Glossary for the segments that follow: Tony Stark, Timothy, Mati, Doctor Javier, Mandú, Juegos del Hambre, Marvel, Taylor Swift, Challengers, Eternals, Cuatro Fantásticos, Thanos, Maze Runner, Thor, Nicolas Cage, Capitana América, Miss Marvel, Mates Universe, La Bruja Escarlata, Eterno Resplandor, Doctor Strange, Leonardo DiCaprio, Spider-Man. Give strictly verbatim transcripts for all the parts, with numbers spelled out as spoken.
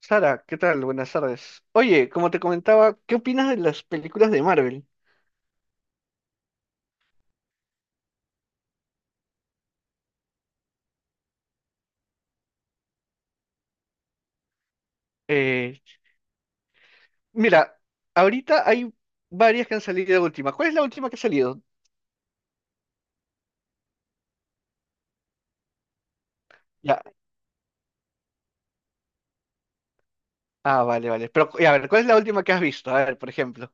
Sara, ¿qué tal? Buenas tardes. Oye, como te comentaba, ¿qué opinas de las películas de Marvel? Eh, mira, ahorita hay varias que han salido de última. ¿Cuál es la última que ha salido? Ya. Ah, vale, vale. Pero, y a ver, ¿cuál es la última que has visto? A ver, por ejemplo.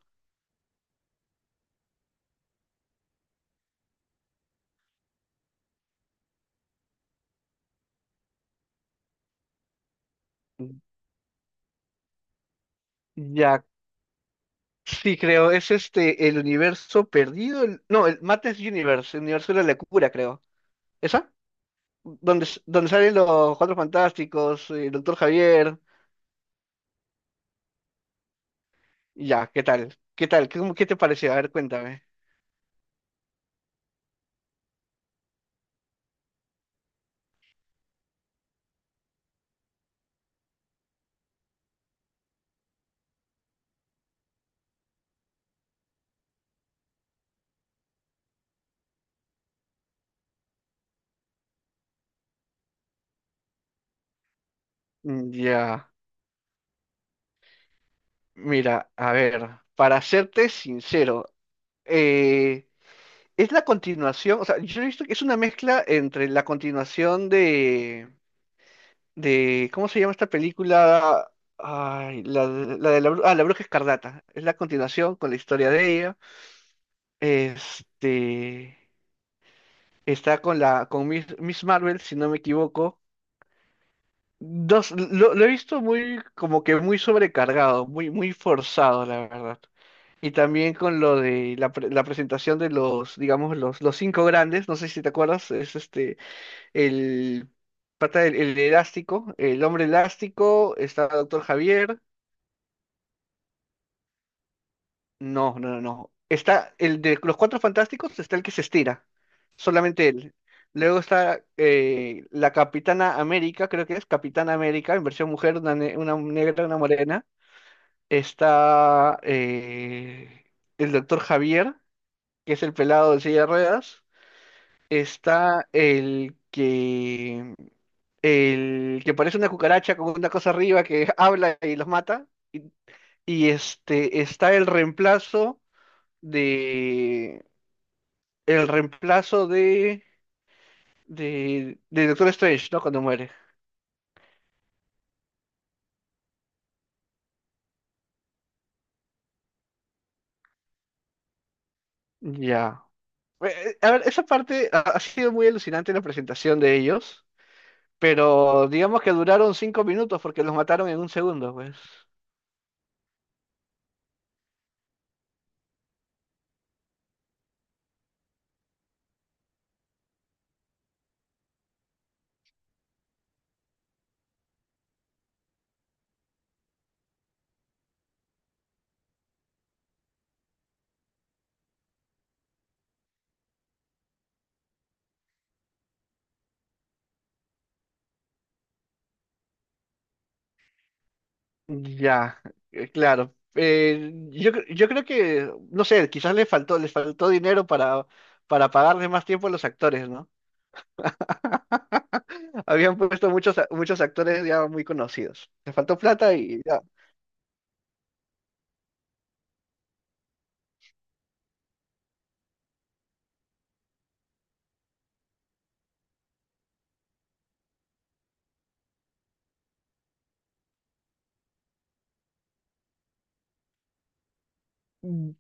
Ya, sí, creo. Es este, el universo perdido. El- no, el Mates Universe, el universo de la locura, creo. ¿Esa? Donde, s- donde salen los Cuatro Fantásticos, eh, el Doctor Javier. Ya, ¿qué tal? ¿Qué tal? ¿Qué, cómo- qué te pareció? A ver, cuéntame. Ya. Mira, a ver, para serte sincero, eh, es la continuación, o sea, yo he visto que es una mezcla entre la continuación de, de, ¿cómo se llama esta película? Ay, la, de la, de la bru- ah, La Bruja Escarlata. Es la continuación con la historia de ella. Este, está con la, con Miss, Miss Marvel, si no me equivoco. Dos, lo, lo he visto muy, como que muy sobrecargado, muy, muy forzado, la verdad. Y también con lo de la, pre- la presentación de los, digamos, los, los cinco grandes, no sé si te acuerdas, es este, el pata del el elástico, el hombre elástico, está Doctor Javier, no, no, no, no. Está el de los Cuatro Fantásticos, está el que se estira, solamente él. Luego está eh, la Capitana América, creo que es Capitana América, en versión mujer, una, ne- una negra, una morena. Está eh, el doctor Javier, que es el pelado de silla de ruedas, está el que el que parece una cucaracha con una cosa arriba que habla y los mata, y este está el reemplazo de el reemplazo de de, de Doctor Strange, ¿no? Cuando muere. Ya. Eh, eh, A ver, esa parte ha ha sido muy alucinante la presentación de ellos. Pero digamos que duraron cinco minutos porque los mataron en un segundo, pues. Ya, eh, claro. Eh, yo, cre- yo creo que, no sé, quizás les faltó, les faltó dinero para, para pagarle más tiempo a los actores, ¿no? Habían puesto muchos, a- muchos actores ya muy conocidos. Les faltó plata y ya.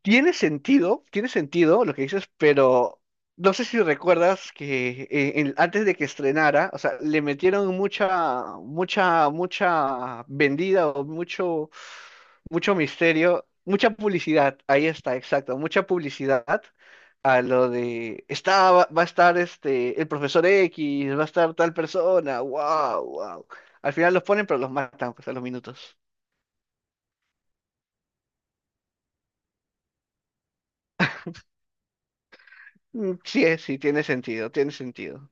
Tiene sentido, tiene sentido lo que dices, pero no sé si recuerdas que eh, en- antes de que estrenara, o sea, le metieron mucha, mucha, mucha vendida o mucho, mucho misterio, mucha publicidad, ahí está, exacto, mucha publicidad a lo de, está, va, va a estar este, el profesor X, va a estar tal persona, wow, wow. Al final los ponen, pero los matan, pues, a los minutos. Mm, Sí, es- sí, tiene sentido, tiene sentido.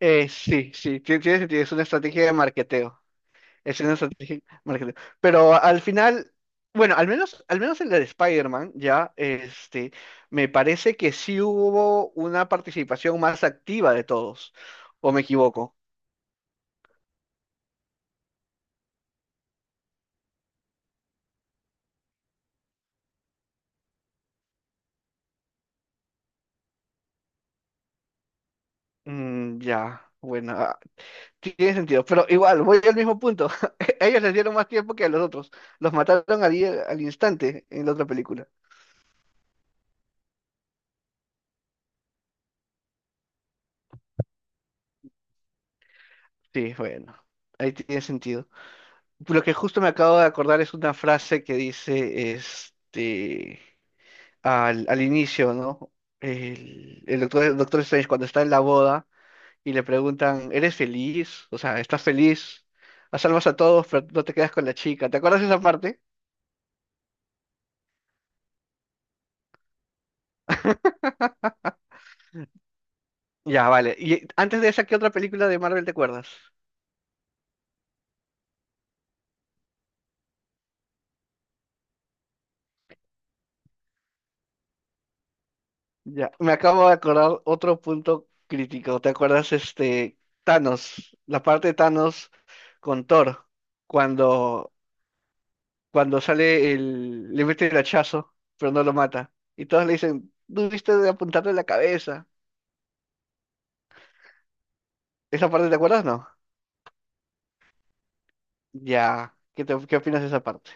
Eh, sí, sí, ti- tiene sentido, es una estrategia de marketeo. Es una estrategia de marketeo. Pero al final, bueno, al menos, al menos en la de Spider-Man, ya, este, me parece que sí hubo una participación más activa de todos. ¿O me equivoco? Mm, ya, bueno, ah, tiene sentido. Pero igual, voy al mismo punto. Ellos les dieron más tiempo que a los otros. Los mataron al, i- al instante en la otra película. Sí, bueno, ahí tiene sentido. Lo que justo me acabo de acordar es una frase que dice este al, al inicio, ¿no? El, el doctor, el doctor Strange cuando está en la boda y le preguntan, ¿eres feliz? O sea, ¿estás feliz? Salvas a todos, pero no te quedas con la chica. ¿Te acuerdas de esa parte? Ya, vale. Y antes de esa, ¿qué otra película de Marvel te acuerdas? Ya, me acabo de acordar otro punto crítico. ¿Te acuerdas este Thanos? La parte de Thanos con Thor, cuando cuando sale el, le mete el hachazo, pero no lo mata. Y todos le dicen, dudiste de apuntarle en la cabeza. ¿Esa parte te acuerdas? No. Ya, ¿qué te- qué opinas de esa parte?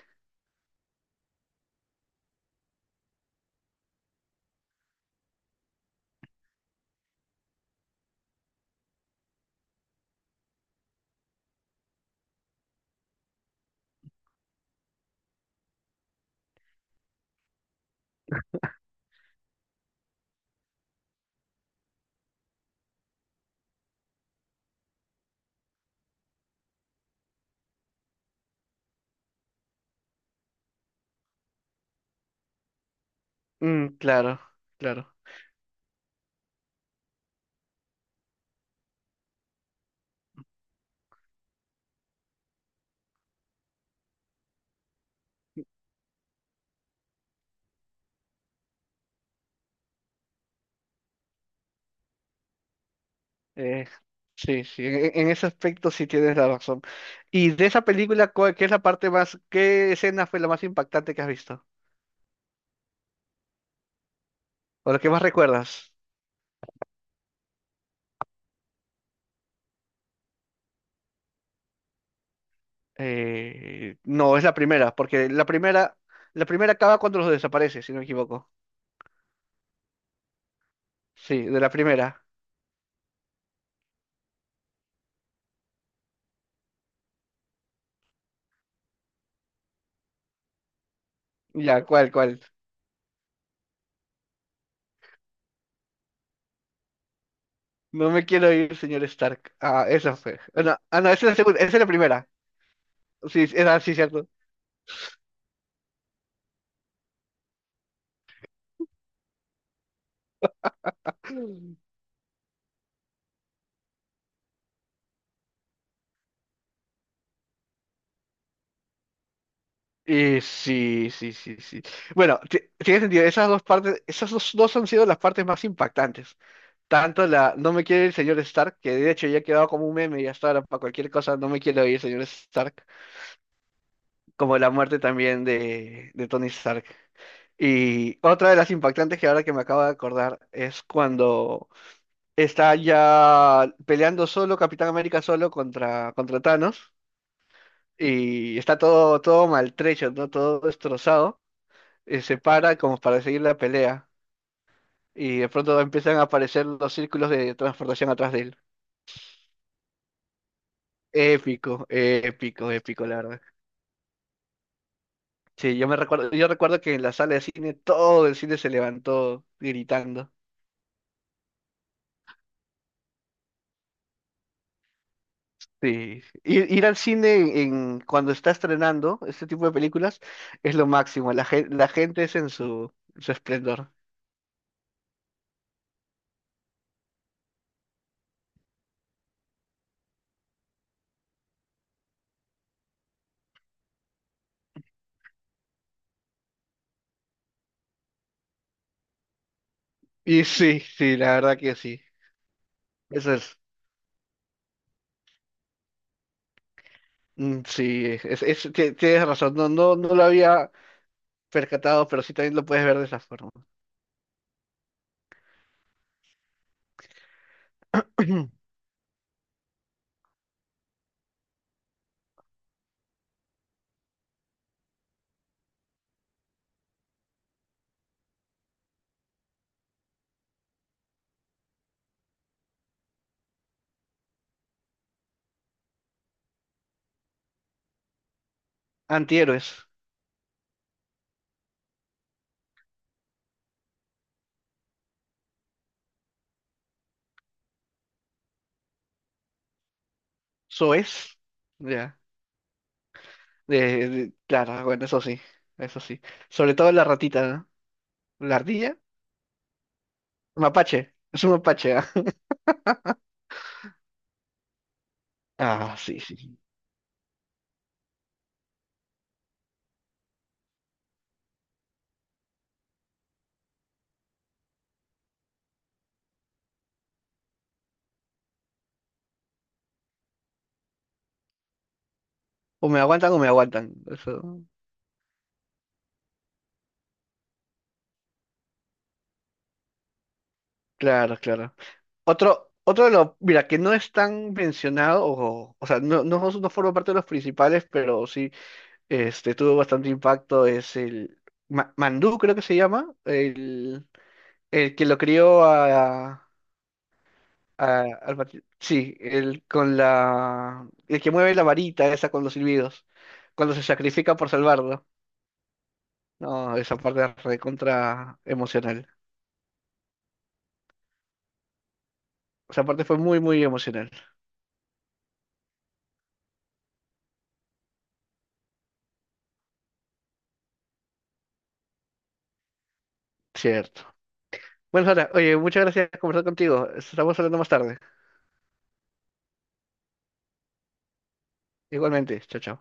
Mm, claro, claro. Eh, sí, sí, en, en ese aspecto sí tienes la razón. Y de esa película, ¿cuál- ¿qué es la parte más, qué escena fue la más impactante que has visto? ¿O la que más recuerdas? Eh, no, es la primera, porque la primera, la primera acaba cuando los desaparece, si no me equivoco. Sí, de la primera. Ya, ¿cuál, cuál? No me quiero ir, señor Stark. Ah, esa fue. Ah, no, ah, no, esa es la segunda, esa es la primera. Sí, sí, era sí, cierto. Y sí, sí, sí, sí. Bueno, ti- tiene sentido. Esas dos partes, esas dos, dos han sido las partes más impactantes. Tanto la No me quiero ir, señor Stark, que de hecho ya ha quedado como un meme y hasta ahora para cualquier cosa, no me quiero ir, señor Stark, como la muerte también de, de Tony Stark. Y otra de las impactantes que ahora que me acabo de acordar es cuando está ya peleando solo, Capitán América solo contra, contra Thanos, y está todo, todo maltrecho, ¿no? Todo destrozado, y se para como para seguir la pelea, y de pronto empiezan a aparecer los círculos de transportación atrás de él. Épico, épico, épico, la verdad. Sí, yo me recuerdo, yo recuerdo que en la sala de cine todo el cine se levantó gritando. Sí, ir, ir al cine en, en- cuando está estrenando este tipo de películas es lo máximo, la, gen- la gente es en su, su esplendor. Y sí, sí, la verdad que sí. Eso es. Mm, Sí, es, es- ti- tienes razón, no, no, no lo había percatado, pero sí también lo puedes ver de esa forma. Antihéroes, soes, ya. De, de- claro, bueno, eso sí, eso sí. Sobre todo la ratita, ¿no? ¿La ardilla? Mapache, es un mapache, ¿ah? Ah, sí, sí. O me aguantan o me aguantan. Eso. Claro, claro. Otro, otro de los, mira, que no es tan mencionado, o, o sea, no, no, no forma parte de los principales, pero sí, este, tuvo bastante impacto, es el Ma- Mandú, creo que se llama, el, el que lo crió a, a- al Mati- sí, el con la, el que mueve la varita esa con los silbidos, cuando se sacrifica por salvarlo. No, esa parte es recontra emocional. Esa parte fue muy, muy emocional, cierto. Bueno, Sara, oye, muchas gracias por conversar contigo. Estamos hablando más tarde. Igualmente, chao, chao.